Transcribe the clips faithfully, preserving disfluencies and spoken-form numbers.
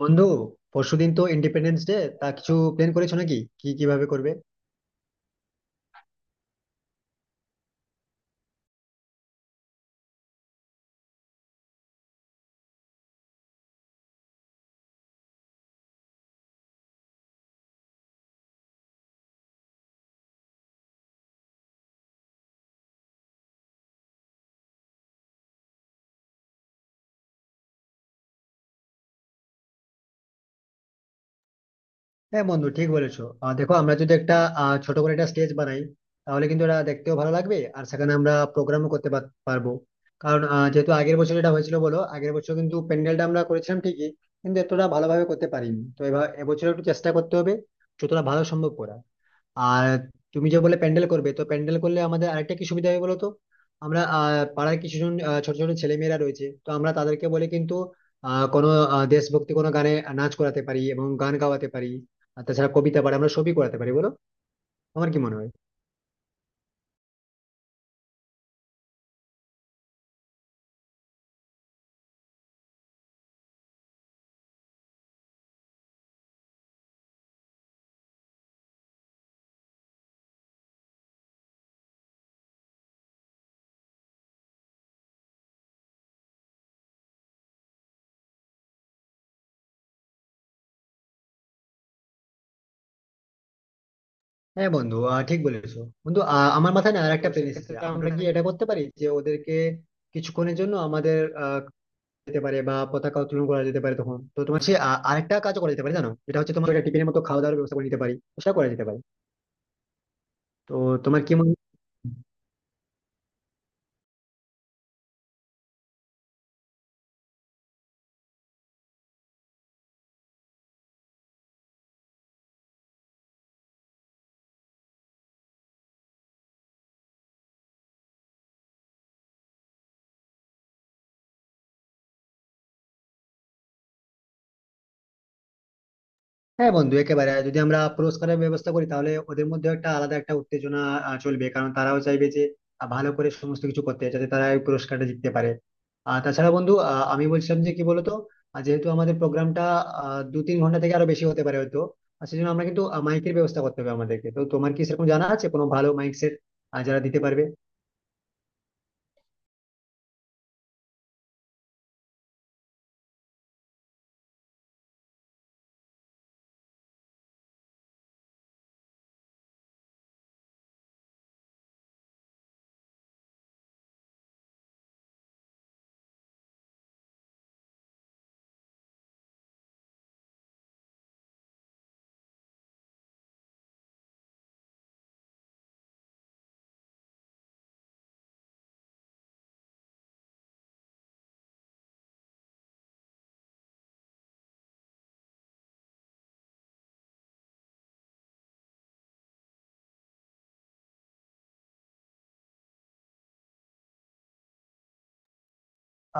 বন্ধু, পরশুদিন তো ইন্ডিপেন্ডেন্স ডে, তা কিছু প্ল্যান করেছো নাকি, কি কিভাবে করবে? হ্যাঁ বন্ধু, ঠিক বলেছো। আহ, দেখো, আমরা যদি একটা আহ, ছোট করে একটা স্টেজ বানাই, তাহলে কিন্তু এটা দেখতেও ভালো লাগবে, আর সেখানে আমরা প্রোগ্রামও করতে পার- পারবো। কারণ আহ, যেহেতু আগের বছর এটা হয়েছিল, বলো, আগের বছর কিন্তু প্যান্ডেলটা আমরা করেছিলাম ঠিকই, কিন্তু এতটা ভালোভাবে করতে পারিনি। তো এবার এবছর একটু চেষ্টা করতে হবে যতটা ভালো সম্ভব করা। আর তুমি যে বলে প্যান্ডেল করবে, তো প্যান্ডেল করলে আমাদের আরেকটা কি সুবিধা হবে বলো তো। আমরা আহ, পাড়ায় কিছুজন, আহ, ছোট ছোট ছেলেমেয়েরা রয়েছে, তো আমরা তাদেরকে বলে কিন্তু আহ, কোনো আহ, দেশভক্তি কোনো গানে নাচ করাতে পারি এবং গান গাওয়াতে পারি। আর তাছাড়া কবিতা পাঠ আমরা সবই করাতে পারি, বলো, আমার কি মনে হয়। হ্যাঁ বন্ধু, আহ, ঠিক বলেছো। বন্ধু, আহ, আমার মাথায় না আরেকটা প্ল্যান এসেছে। সেক্ষেত্রে আমরা আমরা কি এটা করতে পারি যে ওদেরকে কিছুক্ষণের জন্য আমাদের আহ যেতে পারে বা পতাকা উত্তোলন করা যেতে পারে, তখন তো তোমার সে আ- আরেকটা কাজ করা যেতে পারে জানো, যেটা হচ্ছে তোমার একটা টিফিনের মতো খাওয়া দাওয়ার ব্যবস্থা করে নিতে পারি। সেটা করা যেতে পারে। তো তোমার কি মনে হয়? হ্যাঁ বন্ধু, একেবারে, যদি আমরা পুরস্কারের ব্যবস্থা করি তাহলে ওদের মধ্যে একটা আলাদা একটা উত্তেজনা আহ, চলবে, কারণ তারাও চাইবে যে আহ, ভালো করে সমস্ত কিছু করতে, যাতে তারা এই পুরস্কারটা জিততে পারে। আর তাছাড়া বন্ধু, আহ, আমি বলছিলাম যে কি বলতো, আহ, যেহেতু আমাদের প্রোগ্রামটা দু তিন ঘন্টা থেকে আরো বেশি হতে পারে হয়তো। আর সেজন্য আমরা কিন্তু মাইকের ব্যবস্থা করতে হবে আমাদেরকে। তো তোমার কি সেরকম জানা আছে কোনো ভালো মাইক সেট যারা দিতে পারবে?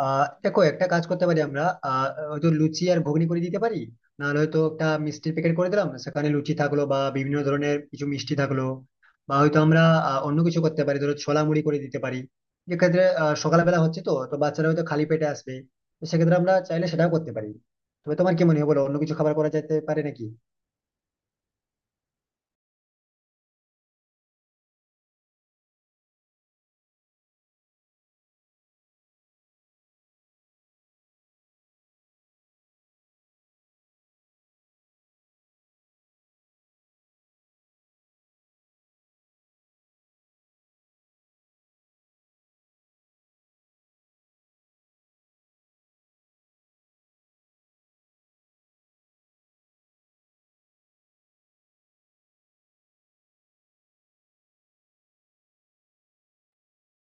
আহ দেখো, একটা কাজ করতে পারি আমরা। আহ হয়তো লুচি আর ঘুগনি করে দিতে পারি। নাহলে হয়তো একটা মিষ্টির প্যাকেট করে দিলাম, সেখানে লুচি থাকলো বা বিভিন্ন ধরনের কিছু মিষ্টি থাকলো। বা হয়তো আমরা আহ, অন্য কিছু করতে পারি, ধরো ছোলা মুড়ি করে দিতে পারি। এক্ষেত্রে আহ, সকালবেলা হচ্ছে, তো তো বাচ্চারা হয়তো খালি পেটে আসবে, তো সেক্ষেত্রে আমরা চাইলে সেটাও করতে পারি। তবে তোমার কি মনে হয় বলো, অন্য কিছু খাবার করা যেতে পারে নাকি?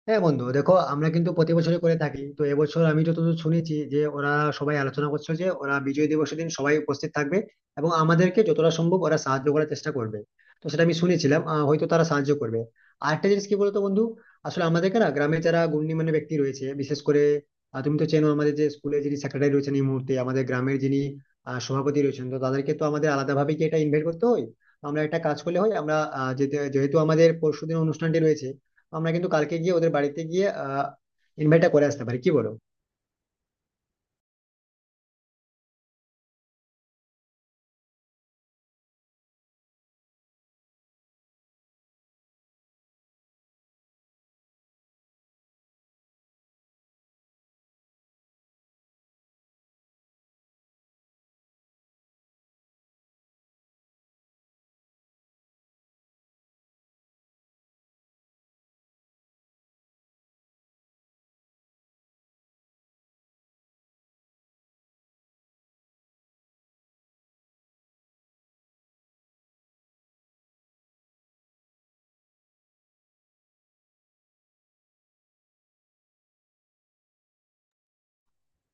হ্যাঁ বন্ধু, দেখো, আমরা কিন্তু প্রতি বছরই করে থাকি। তো এবছর আমি যতদূর শুনেছি যে ওরা সবাই আলোচনা করছে, যে ওরা বিজয় দিবসের দিন সবাই উপস্থিত থাকবে, এবং আমাদেরকে যতটা সম্ভব ওরা সাহায্য করার চেষ্টা করবে। তো সেটা আমি শুনেছিলাম, আহ, হয়তো তারা সাহায্য করবে। আরেকটা জিনিস কি বলতো বন্ধু, আসলে আমাদেরকে না, গ্রামে যারা গণ্যমান্য ব্যক্তি রয়েছে, বিশেষ করে আহ, তুমি তো চেনো আমাদের যে স্কুলের যিনি সেক্রেটারি রয়েছেন, এই মুহূর্তে আমাদের গ্রামের যিনি আহ, সভাপতি রয়েছেন, তো তাদেরকে তো আমাদের আলাদাভাবে কি এটা ইনভাইট করতে হয়? আমরা একটা কাজ করলে হয়, আমরা আহ, যেতে- যেহেতু আমাদের পরশুদিন অনুষ্ঠানটি রয়েছে, আমরা কিন্তু কালকে গিয়ে ওদের বাড়িতে গিয়ে আহ ইনভাইটটা করে আসতে পারি, কি বলো?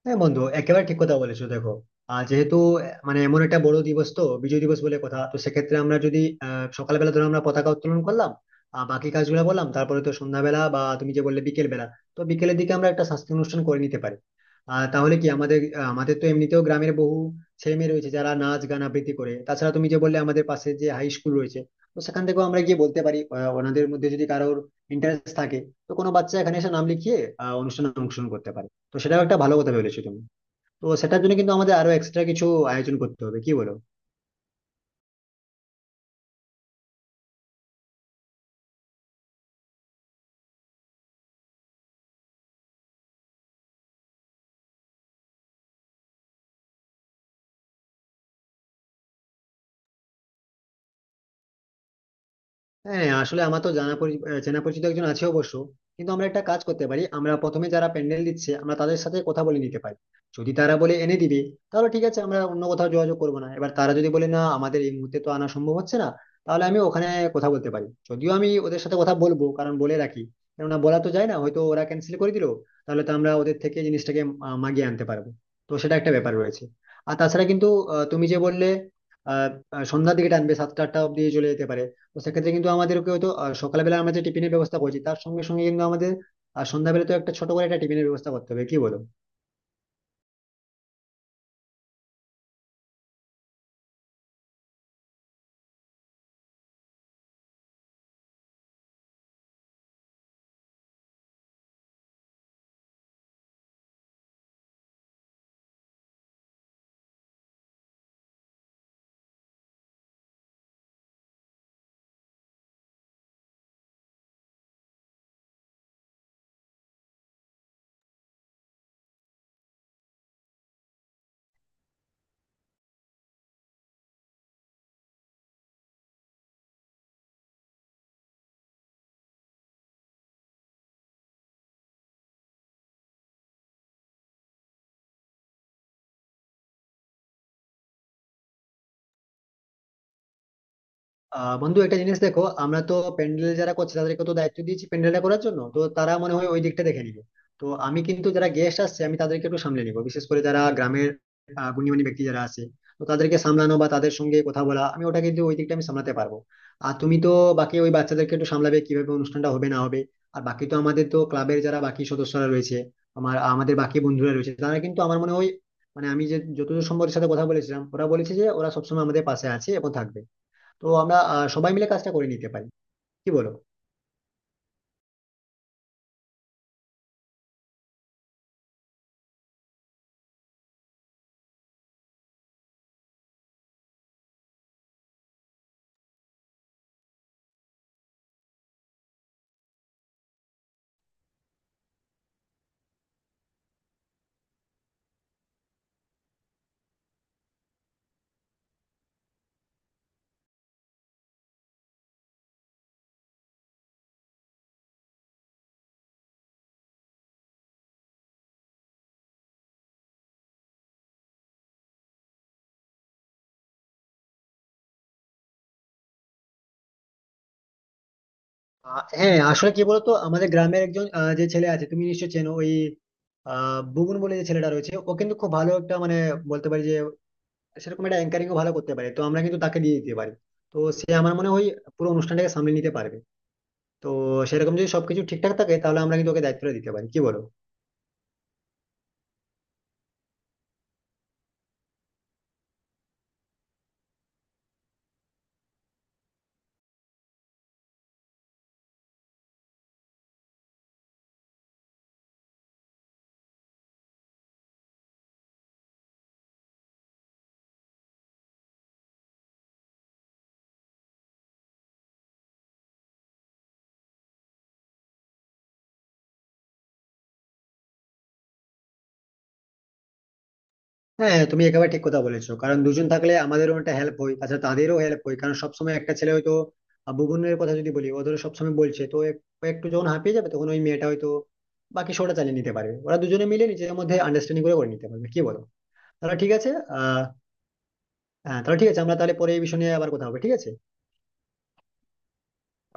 হ্যাঁ বন্ধু, একেবারে ঠিক কথা বলেছো। দেখো, আহ, যেহেতু আহ, মানে এমন একটা বড় দিবস তো বিজয় দিবস বলে কথা, তো সেক্ষেত্রে আমরা যদি আহ, সকালবেলা ধরো আমরা পতাকা উত্তোলন করলাম, আহ, বাকি কাজগুলো বললাম, তারপরে তো সন্ধ্যাবেলা, বা তুমি যে বললে বিকেল বেলা, তো বিকেলের দিকে আমরা একটা সাংস্কৃতিক অনুষ্ঠান করে নিতে পারি। আহ তাহলে কি আমাদের, আহ, আমাদের তো এমনিতেও গ্রামের বহু ছেলে মেয়ে রয়েছে যারা নাচ গান আবৃত্তি করে। তাছাড়া তুমি যে বললে আমাদের পাশে যে হাই স্কুল রয়েছে, তো সেখান থেকেও আমরা গিয়ে বলতে পারি, আহ, ওনাদের মধ্যে যদি কারোর ইন্টারেস্ট থাকে, তো কোনো বাচ্চা এখানে এসে নাম লিখিয়ে আহ অনুষ্ঠানে অংশগ্রহণ করতে পারে। তো সেটাও একটা ভালো কথা বলেছো তুমি। তো সেটার জন্য কিন্তু আমাদের আরো এক্সট্রা কিছু আয়োজন করতে হবে, কি বলো? হ্যাঁ হ্যাঁ, আসলে আমার তো জানা পরি- আহ, চেনা পরিচিত একজন আছে অবশ্য। কিন্তু আমরা একটা কাজ করতে পারি, আমরা প্রথমে যারা প্যান্ডেল দিচ্ছে আমরা তাদের সাথে কথা বলে নিতে পারি। যদি তারা বলে এনে দিবে, তাহলে ঠিক আছে, আমরা অন্য কোথাও যোগাযোগ করবো না। এবার তারা যদি বলে না আমাদের এই মুহূর্তে তো আনা সম্ভব হচ্ছে না, তাহলে আমি ওখানে কথা বলতে পারি। যদিও আমি ওদের সাথে কথা বলবো কারণ বলে রাখি, কেননা বলা তো যায় না, হয়তো ওরা ক্যান্সেল করে দিলো। তাহলে তো আমরা ওদের থেকে জিনিসটাকে আহ, মাগিয়ে আনতে পারবো। তো সেটা একটা ব্যাপার রয়েছে। আর তাছাড়া কিন্তু আহ, তুমি যে বললে, আহ আহ, সন্ধ্যার দিকে টানবে সাতটা আটটা অব্দি চলে যেতে পারে। তো সেক্ষেত্রে কিন্তু আমাদেরকে হয়তো আহ, সকালবেলা আমরা যে টিফিনের ব্যবস্থা করছি তার সঙ্গে সঙ্গে কিন্তু আমাদের আর সন্ধ্যাবেলা তো একটা ছোট করে একটা টিফিনের ব্যবস্থা করতে হবে, কি বলো? আহ বন্ধু, একটা জিনিস দেখো, আমরা তো প্যান্ডেল যারা করছে তাদেরকে তো দায়িত্ব দিয়েছি প্যান্ডেলটা করার জন্য, তো তারা মনে হয় ওই দিকটা দেখে নিবে। তো আমি কিন্তু যারা গেস্ট আসছে আমি তাদেরকে একটু সামলে নিবো, বিশেষ করে যারা গ্রামের আহ, গুণীমানী ব্যক্তি যারা আছে, তো তাদেরকে সামলানো বা তাদের সঙ্গে কথা বলা, আমি ওটা কিন্তু ওই দিকটা আমি সামলাতে পারবো। আর তুমি তো বাকি ওই বাচ্চাদেরকে একটু সামলাবে, কিভাবে অনুষ্ঠানটা হবে না হবে। আর বাকি তো আমাদের তো ক্লাবের যারা বাকি সদস্যরা রয়েছে, আমার আমাদের বাকি বন্ধুরা রয়েছে, তারা কিন্তু আমার মনে হয়, মানে আমি যে যতদূর সম্ভবের সাথে কথা বলেছিলাম, ওরা বলেছে যে ওরা সবসময় আমাদের পাশে আছে এবং থাকবে। তো আমরা আহ, সবাই মিলে কাজটা করে নিতে পারি, কি বলো? আহ, হ্যাঁ, আসলে কি বলতো, আমাদের গ্রামের একজন, আহ, যে ছেলে আছে তুমি নিশ্চয় চেনো, ওই আহ বুবুন বলে যে ছেলেটা রয়েছে, ও কিন্তু খুব ভালো একটা, মানে বলতে পারি যে সেরকম, একটা অ্যাঙ্কারিং ভালো করতে পারে, তো আমরা কিন্তু তাকে দিয়ে দিতে পারি। তো সে আমার মনে হয় পুরো অনুষ্ঠানটাকে সামলে নিতে পারবে। তো সেরকম যদি সবকিছু ঠিকঠাক থাকে, তাহলে আমরা কিন্তু ওকে দায়িত্বটা দিতে পারি, কি বলো? হ্যাঁ তুমি একেবারে ঠিক কথা বলেছো, কারণ দুজন থাকলে আমাদেরও একটা হেল্প হয়, তাছাড়া তাদেরও হেল্প হয়। কারণ সবসময় একটা ছেলে হয়তো, আহ, বুবনের কথা যদি বলি, ও ধরো সবসময় বলছে, তো এক- ও একটু যখন হাঁপিয়ে যাবে, তখন ওই মেয়েটা হয়তো বাকি শোটা চালিয়ে নিতে পারবে। ওরা দুজনে মিলে নিজের মধ্যে আন্ডারস্ট্যান্ডিং করে করে নিতে পারবে, কি বলো? তাহলে ঠিক আছে। আহ হ্যাঁ, তাহলে ঠিক আছে। আমরা তাহলে পরে এই বিষয় নিয়ে আবার কথা হবে, ঠিক আছে।